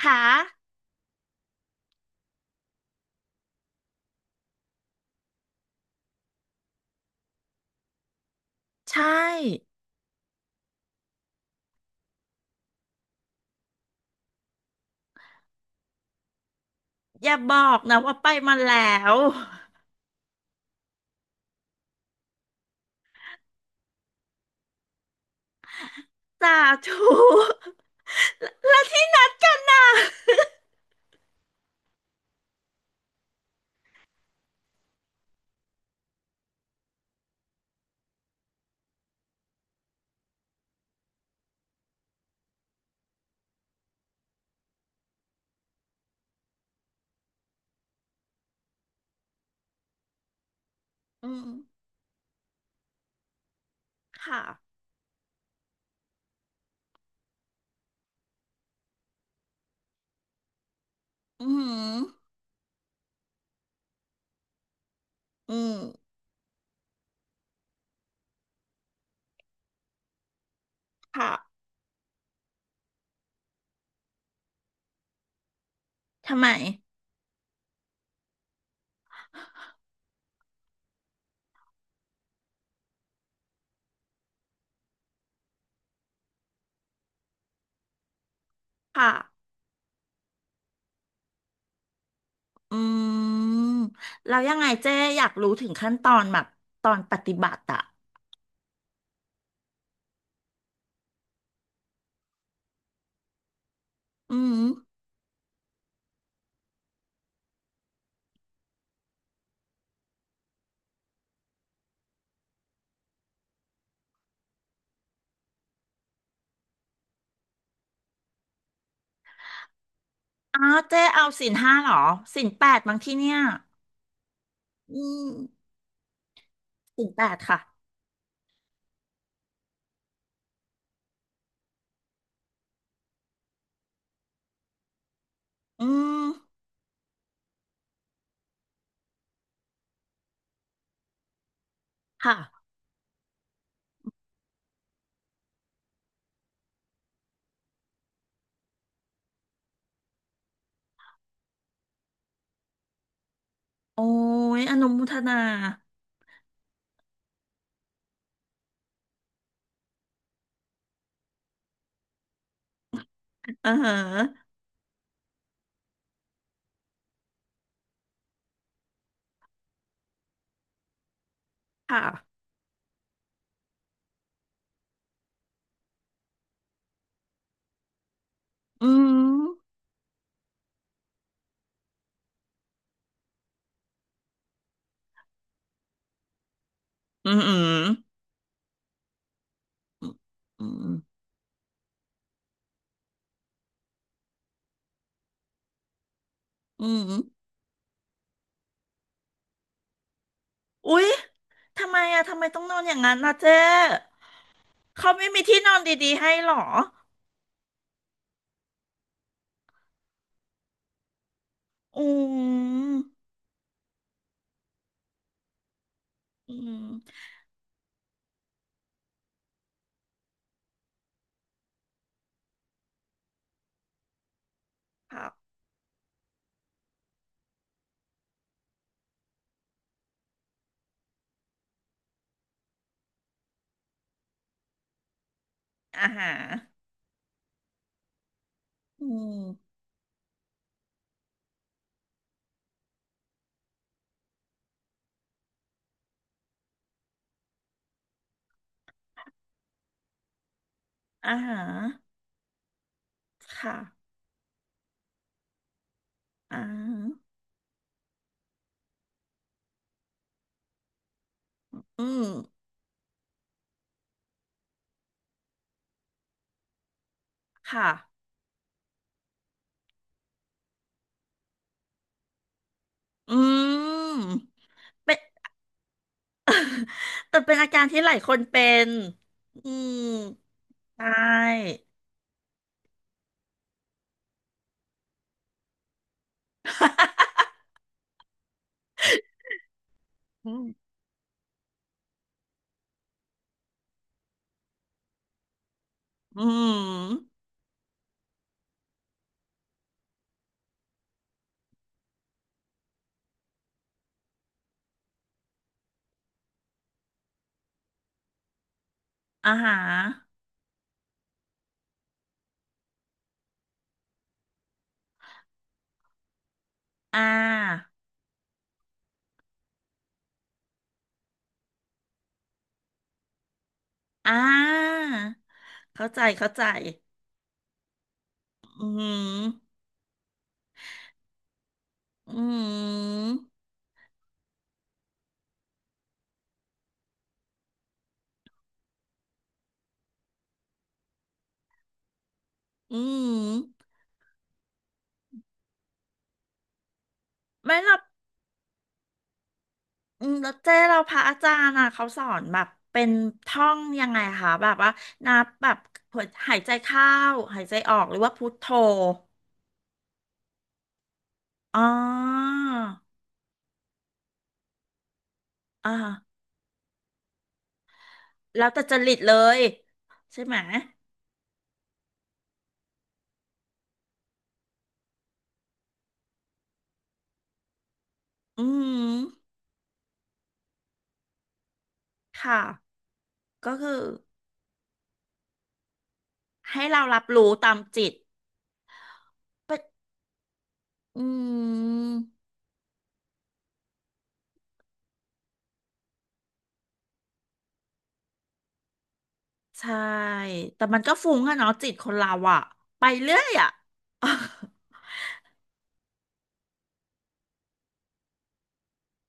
ค่ะใช่อย่าบอกนะว่าไปมาแล้วสาธุและที่นัดกันน่ะอืมค่ะอืมอืมค่ะทำไมค่ะอืมแล้วยังไงเจ๊อยากรู้ถึงขั้นตอนแบบตอนปฏิบัติอะอืมอ้าวเจ๊เอาศีลห้าเหรอศีลแปดบางที่เนี่ยอืมศีลแปดค่ะอืมค่ะโอ้ยอนุโมทนาเออค่ะ อืมอืมอืมอืมอืมอุ๊ยทำไมอะทำไมต้องนอนอย่างนั้นนะเจ๊เขาไม่มีที่นอนดีๆให้หรออืมอืมครับอาหารอืมอาหารค่ะอ่าอืมค่ะอืมเป็นแต่เป็นอาการที่หลายคนเป็นอืมใช่อืมอืมอาหารอ่าอ่า เข้าใจเข้าใจอืมอหืออืมอืมไม่หรอกอืมแล้วเจ้เราพระอาจารย์อ่ะเขาสอนแบบเป็นท่องยังไงคะแบบว่านับแบบหัวหายใจเข้าหายใจออกหรือว่าพุทโธอ๋ออ่า แล้วแต่จริตเลยใช่ไหม อืมค่ะ ก็คือให้เรารับรู้ตามจิตปะอืม ใช่แต่มันก็ฟุ้งอะเนาะจิตคนเราอะไปเรื่อยอะ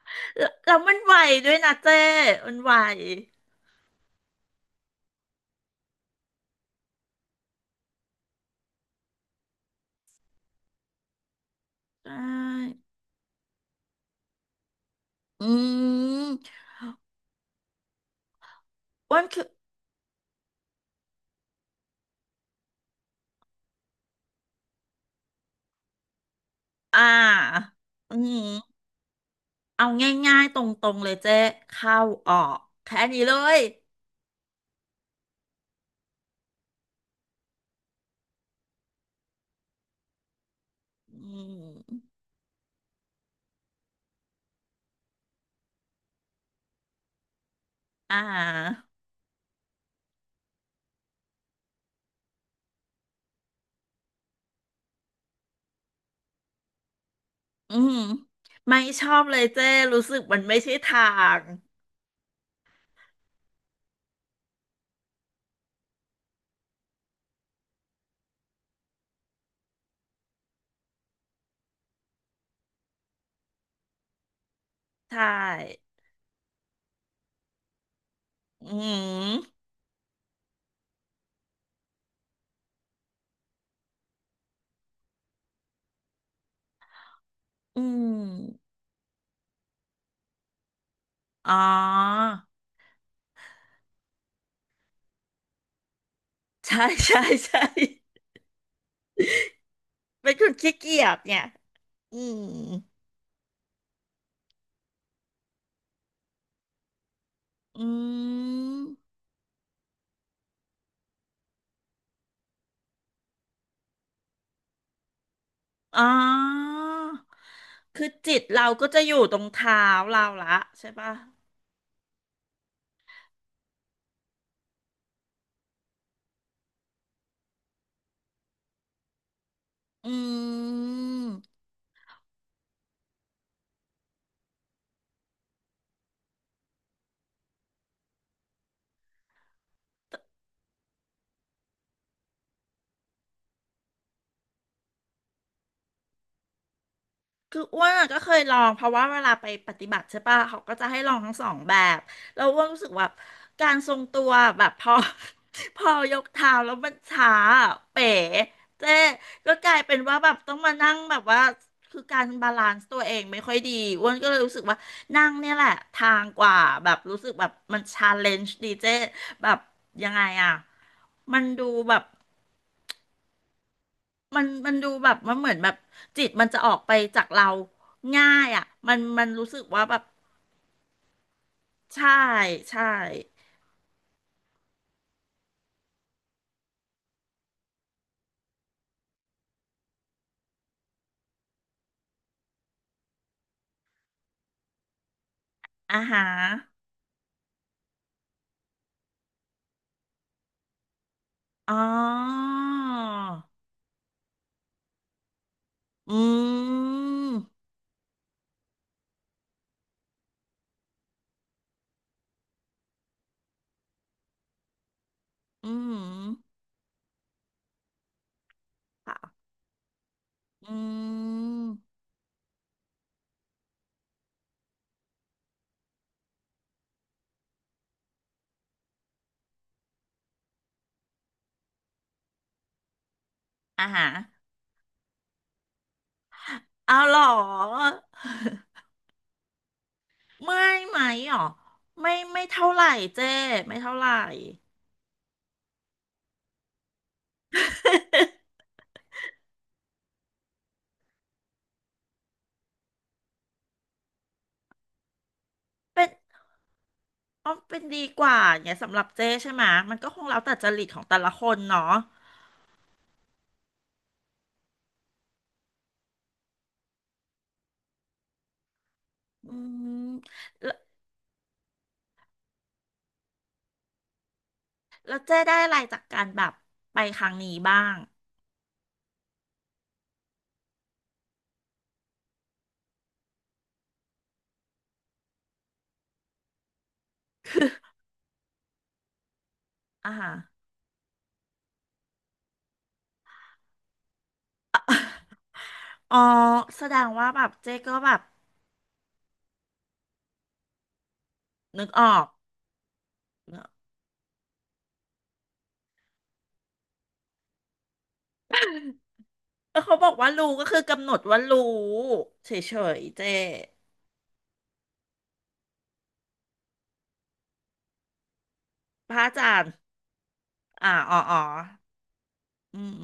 แล้วมันไวด้วยนะเจ้มันไวใช่อืมอ้วนคืออ่าอืม เอาง่ายๆตรงๆเลยเจ้เข้าออกแค่นี้เลยอืมอ่าอืม ไม่ชอบเลยเจ้รู้สึกมันไม่ใช่ทางใช่ อืม อืมอ๋อใช่ ใช่ใช่ เป็นคนขี้เกียจเนี่ยอืมอืมอ๋อคือจิตเราก็จะอยู่ตรงเท้าเราละใช่ปะอืม คืออ้วนอะก็เคยลองเพราะว่าเวลาไปปฏิบัติใช่ปะเขาก็จะให้ลองทั้งสองแบบแล้วอ้วนรู้สึกว่าการทรงตัวแบบพอ พอยกเท้าแล้วมันช้าอะเป๋เจ๊ก็กลายเป็นว่าแบบต้องมานั่งแบบว่าคือการบาลานซ์ตัวเองไม่ค่อยดีอ้วนก็เลยรู้สึกว่านั่งเนี่ยแหละทางกว่าแบบรู้สึกแบบมันชาเลนจ์ดีเจ๊แบบยังไงอะมันดูแบบ มันดูแบบมันเหมือนแบบจิตมันจะออกไปจากเราง่ายอ่ะมันรู้สึกว่าแบบใช่ใช่อาหาอ๋ออืมอืมค่ะอืมอาหาเอาเหรอเมื่อ ยไหมหรอไม่ไม่เท่าไหร่เจ้ไม่เท่าไหร่เป็นอ๋อเป็นดีกว่าเนี่ยสำหรับเจ้ใช่ไหมะมันก็คงแล้วแต่จริตของแต่ละคนเนาะอืม แล้วเจ๊ได้อะไรจากการแบบไปครั้งนี้บ้างอ่าฮะอ๋อแสดงว่าแบบเจ๊ก็แบบนึกออกเนอะเออเขาบอกว่ารู้ก็คือกำหนดว่ารู้เฉยๆเจ๊พระอาจารย์อ่าอ๋ออ๋ออืม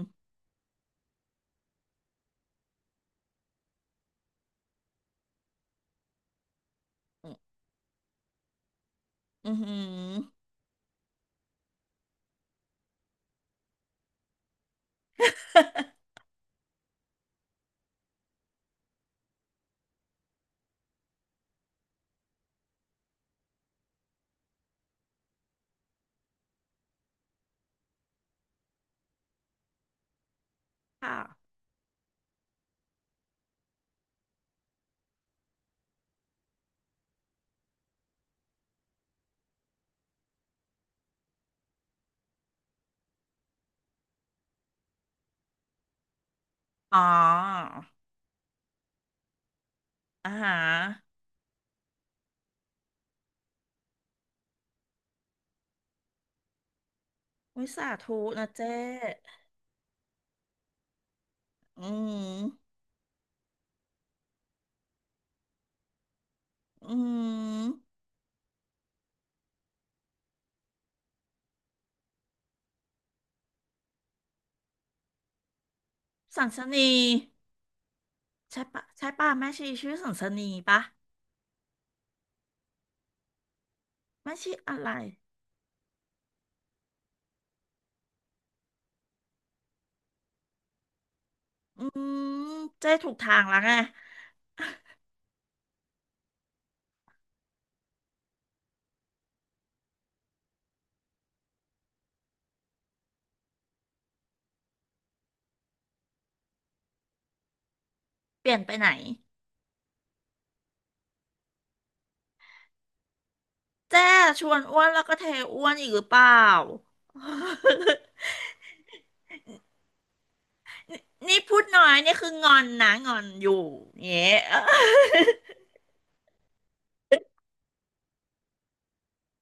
อืมอืมอืมค่ะอ๋ออ่าฮะวิสาธุนะเจ๊อืมอืมสันสนีใช่ปะใช่ปะแม่ชีชื่อสันสนีปะแม่ชีอะไร อืมเจ้ถูกทางแล้วไงเปลี่ยนไปไหนเจ้ชวนอ้วนแล้วก็เทอ้วนอีกหรือเปล่า นี่พูดน้อยนี่คืองอนนะงอนอยู่เงี้ย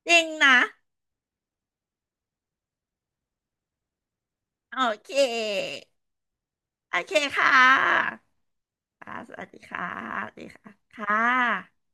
จริงนะโอเคโอเคค่ะค่ะสวัสดีค่ะสวัสดีค่ะค่ะ